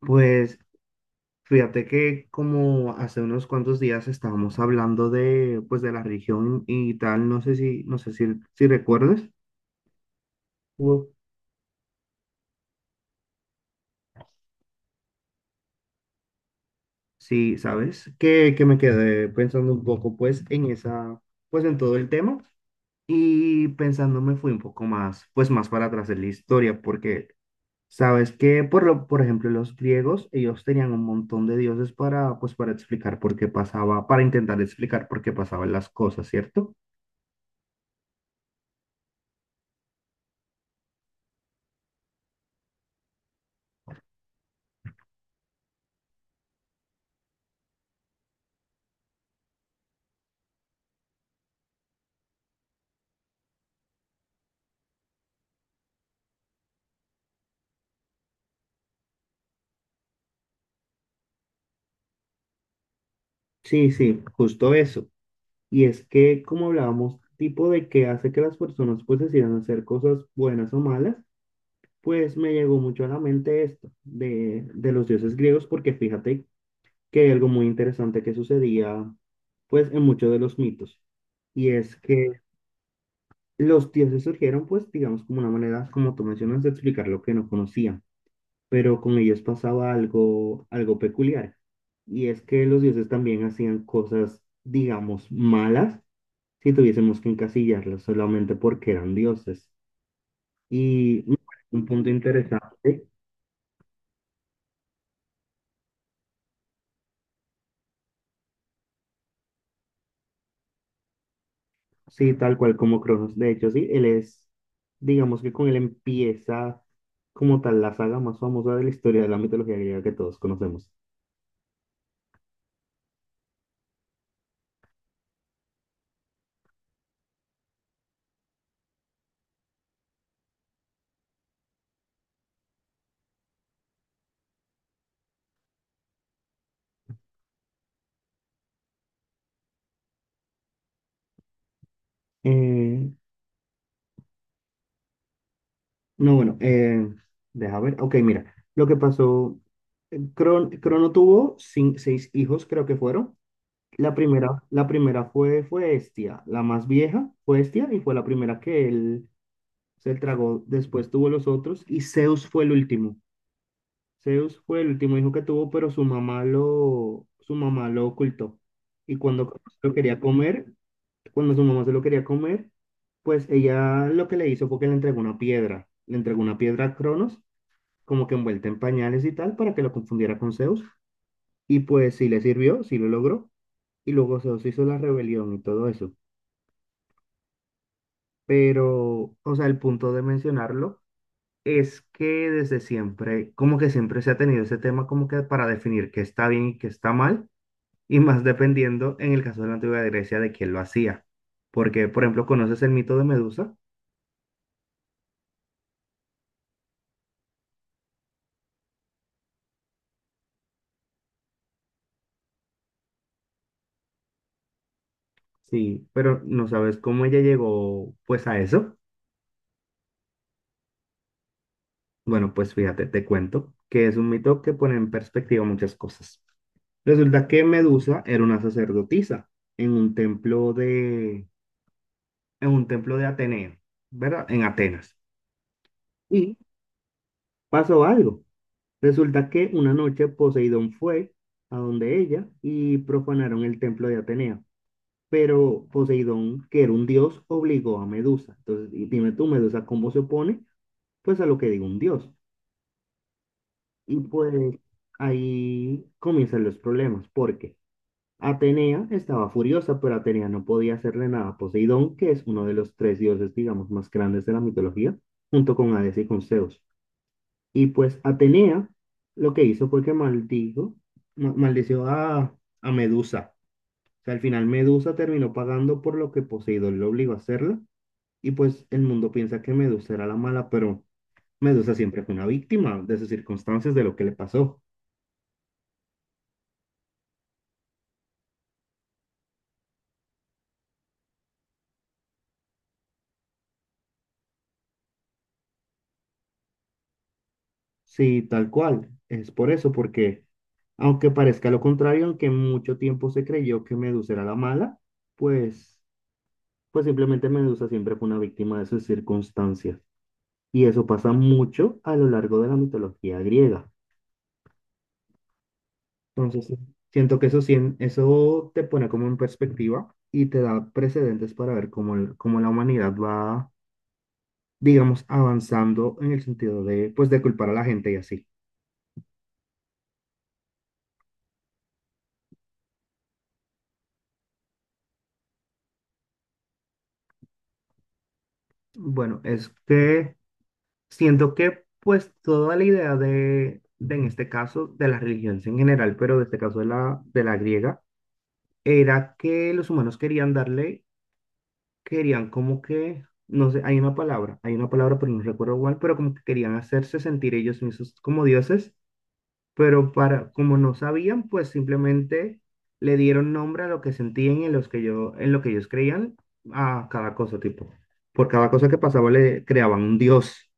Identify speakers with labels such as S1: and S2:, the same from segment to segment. S1: Pues fíjate que como hace unos cuantos días estábamos hablando de pues de la religión y tal, no sé si no sé si, si recuerdas o si sabes que me quedé pensando un poco pues en esa pues en todo el tema y pensando me fui un poco más pues más para atrás en la historia porque sabes que por ejemplo los griegos ellos tenían un montón de dioses para pues para explicar por qué pasaba para intentar explicar por qué pasaban las cosas, ¿cierto? Sí, sí, justo eso. Y es que, como hablábamos, tipo de que hace que las personas pues decidan hacer cosas buenas o malas, pues me llegó mucho a la mente esto de los dioses griegos, porque fíjate que hay algo muy interesante que sucedía pues en muchos de los mitos. Y es que los dioses surgieron pues digamos como una manera, como tú mencionas, de explicar lo que no conocían, pero con ellos pasaba algo, algo peculiar. Y es que los dioses también hacían cosas, digamos, malas si tuviésemos que encasillarlos solamente porque eran dioses. Y me parece un punto interesante, sí, tal cual como Cronos, de hecho, sí, él es, digamos que con él empieza como tal la saga más famosa de la historia de la mitología griega que todos conocemos. Eh, no, bueno, deja ver, ok, mira, lo que pasó, Crono tuvo seis hijos, creo que fueron. La primera fue, fue Hestia, la más vieja fue Hestia y fue la primera que él se tragó, después tuvo los otros y Zeus fue el último. Zeus fue el último hijo que tuvo, pero su mamá lo ocultó. Y se lo quería comer, cuando su mamá se lo quería comer, pues ella lo que le hizo fue que le entregó una piedra, le entregó una piedra a Cronos, como que envuelta en pañales y tal, para que lo confundiera con Zeus. Y pues sí le sirvió, sí lo logró. Y luego Zeus hizo la rebelión y todo eso. Pero, o sea, el punto de mencionarlo es que desde siempre, como que siempre se ha tenido ese tema como que para definir qué está bien y qué está mal, y más dependiendo en el caso de la antigua Grecia de quién lo hacía. Porque, por ejemplo, ¿conoces el mito de Medusa? Sí, pero no sabes cómo ella llegó pues a eso. Bueno, pues fíjate, te cuento que es un mito que pone en perspectiva muchas cosas. Resulta que Medusa era una sacerdotisa en un templo de, en un templo de Ateneo, ¿verdad? En Atenas. Y pasó algo. Resulta que una noche Poseidón fue a donde ella y profanaron el templo de Atenea. Pero Poseidón, que era un dios, obligó a Medusa. Entonces, y dime tú, Medusa, ¿cómo se opone? Pues a lo que diga un dios. Y pues ahí comienzan los problemas, porque Atenea estaba furiosa, pero Atenea no podía hacerle nada a Poseidón, que es uno de los tres dioses, digamos, más grandes de la mitología, junto con Hades y con Zeus. Y pues Atenea lo que hizo fue que maldijo, maldició a Medusa. O sea, al final Medusa terminó pagando por lo que Poseidón le obligó a hacerla. Y pues el mundo piensa que Medusa era la mala, pero Medusa siempre fue una víctima de sus circunstancias, de lo que le pasó. Sí, tal cual. Es por eso, porque aunque parezca lo contrario, aunque mucho tiempo se creyó que Medusa era la mala, pues, pues simplemente Medusa siempre fue una víctima de sus circunstancias. Y eso pasa mucho a lo largo de la mitología griega. Entonces, sí, siento que eso, eso te pone como en perspectiva y te da precedentes para ver cómo, cómo la humanidad va, digamos, avanzando en el sentido de, pues, de culpar a la gente y así. Bueno, es que siento que, pues, toda la idea en este caso, de las religiones en general, pero de este caso de de la griega, era que los humanos querían darle querían como que, no sé, hay una palabra, pero no recuerdo cuál, pero como que querían hacerse sentir ellos mismos como dioses, pero para, como no sabían, pues simplemente le dieron nombre a lo que sentían y en los que yo, en lo que ellos creían a cada cosa, tipo. Por cada cosa que pasaba le creaban un dios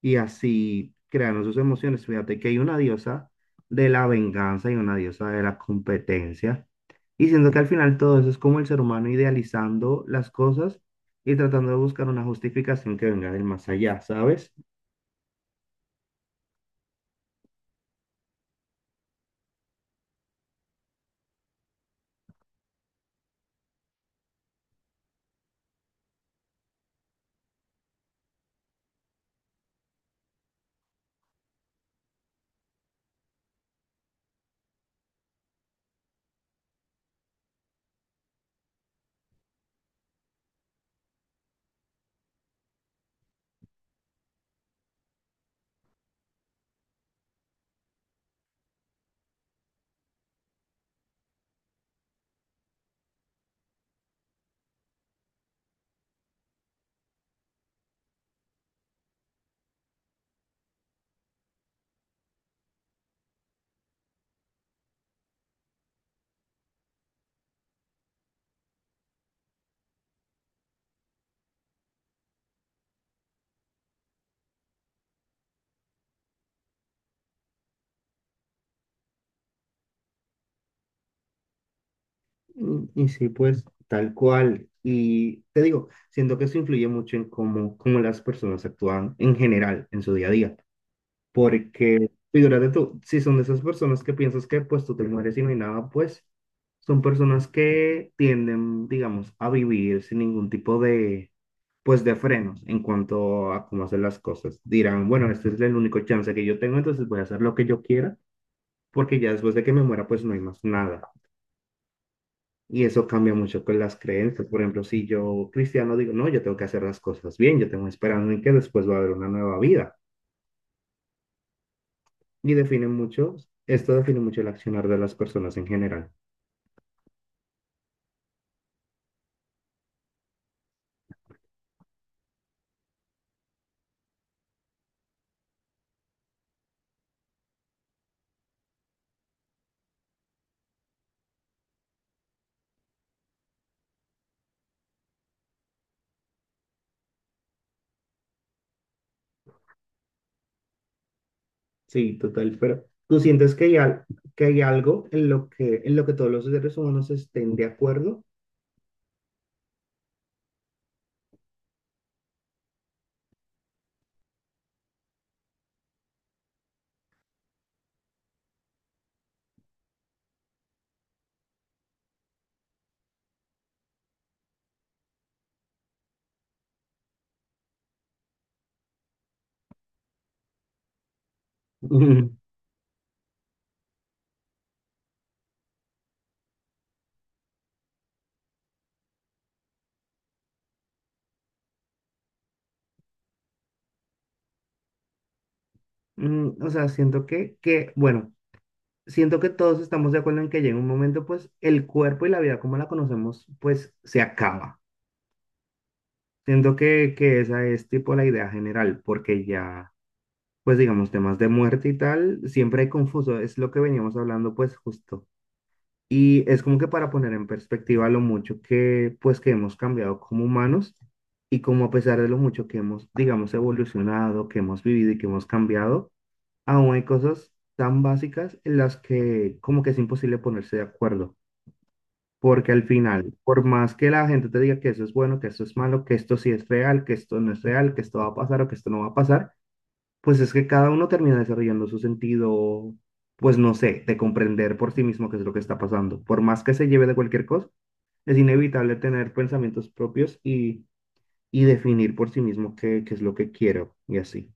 S1: y así crearon sus emociones. Fíjate que hay una diosa de la venganza y una diosa de la competencia. Y siento que al final todo eso es como el ser humano idealizando las cosas y tratando de buscar una justificación que venga del más allá, ¿sabes? Y sí, pues tal cual. Y te digo, siento que eso influye mucho en cómo, cómo las personas actúan en general en su día a día. Porque, figúrate tú, si son de esas personas que piensas que pues tú te mueres y no hay nada, pues son personas que tienden, digamos, a vivir sin ningún tipo pues de frenos en cuanto a cómo hacer las cosas. Dirán, bueno, este es el único chance que yo tengo, entonces voy a hacer lo que yo quiera, porque ya después de que me muera, pues no hay más nada. Y eso cambia mucho con las creencias. Por ejemplo, si yo, cristiano, digo, no, yo tengo que hacer las cosas bien, yo tengo esperanza en que después va a haber una nueva vida. Y define mucho, esto define mucho el accionar de las personas en general. Sí, total, pero ¿tú sientes que hay, que hay algo en lo que todos los seres humanos estén de acuerdo? Ujú. Mm, o sea, siento que, bueno, siento que todos estamos de acuerdo en que llega un momento, pues, el cuerpo y la vida como la conocemos, pues, se acaba. Siento que esa es tipo la idea general, porque ya, pues, digamos, temas de muerte y tal, siempre hay confuso, es lo que veníamos hablando, pues, justo. Y es como que para poner en perspectiva lo mucho que, pues, que hemos cambiado como humanos y como a pesar de lo mucho que hemos, digamos, evolucionado, que hemos vivido y que hemos cambiado, aún hay cosas tan básicas en las que como que es imposible ponerse de acuerdo. Porque al final, por más que la gente te diga que eso es bueno, que eso es malo, que esto sí es real, que esto no es real, que esto va a pasar o que esto no va a pasar, pues es que cada uno termina desarrollando su sentido, pues no sé, de comprender por sí mismo qué es lo que está pasando. Por más que se lleve de cualquier cosa, es inevitable tener pensamientos propios y definir por sí mismo qué, qué es lo que quiero y así.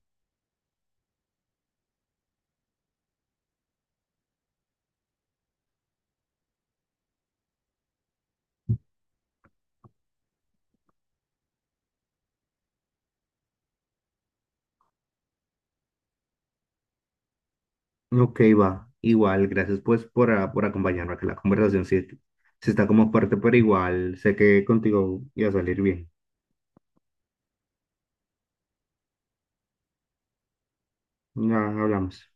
S1: Ok, va. Igual, gracias pues por, ah, por acompañarme, que la conversación sí, sí está como fuerte, pero igual sé que contigo iba a salir bien. Ya hablamos.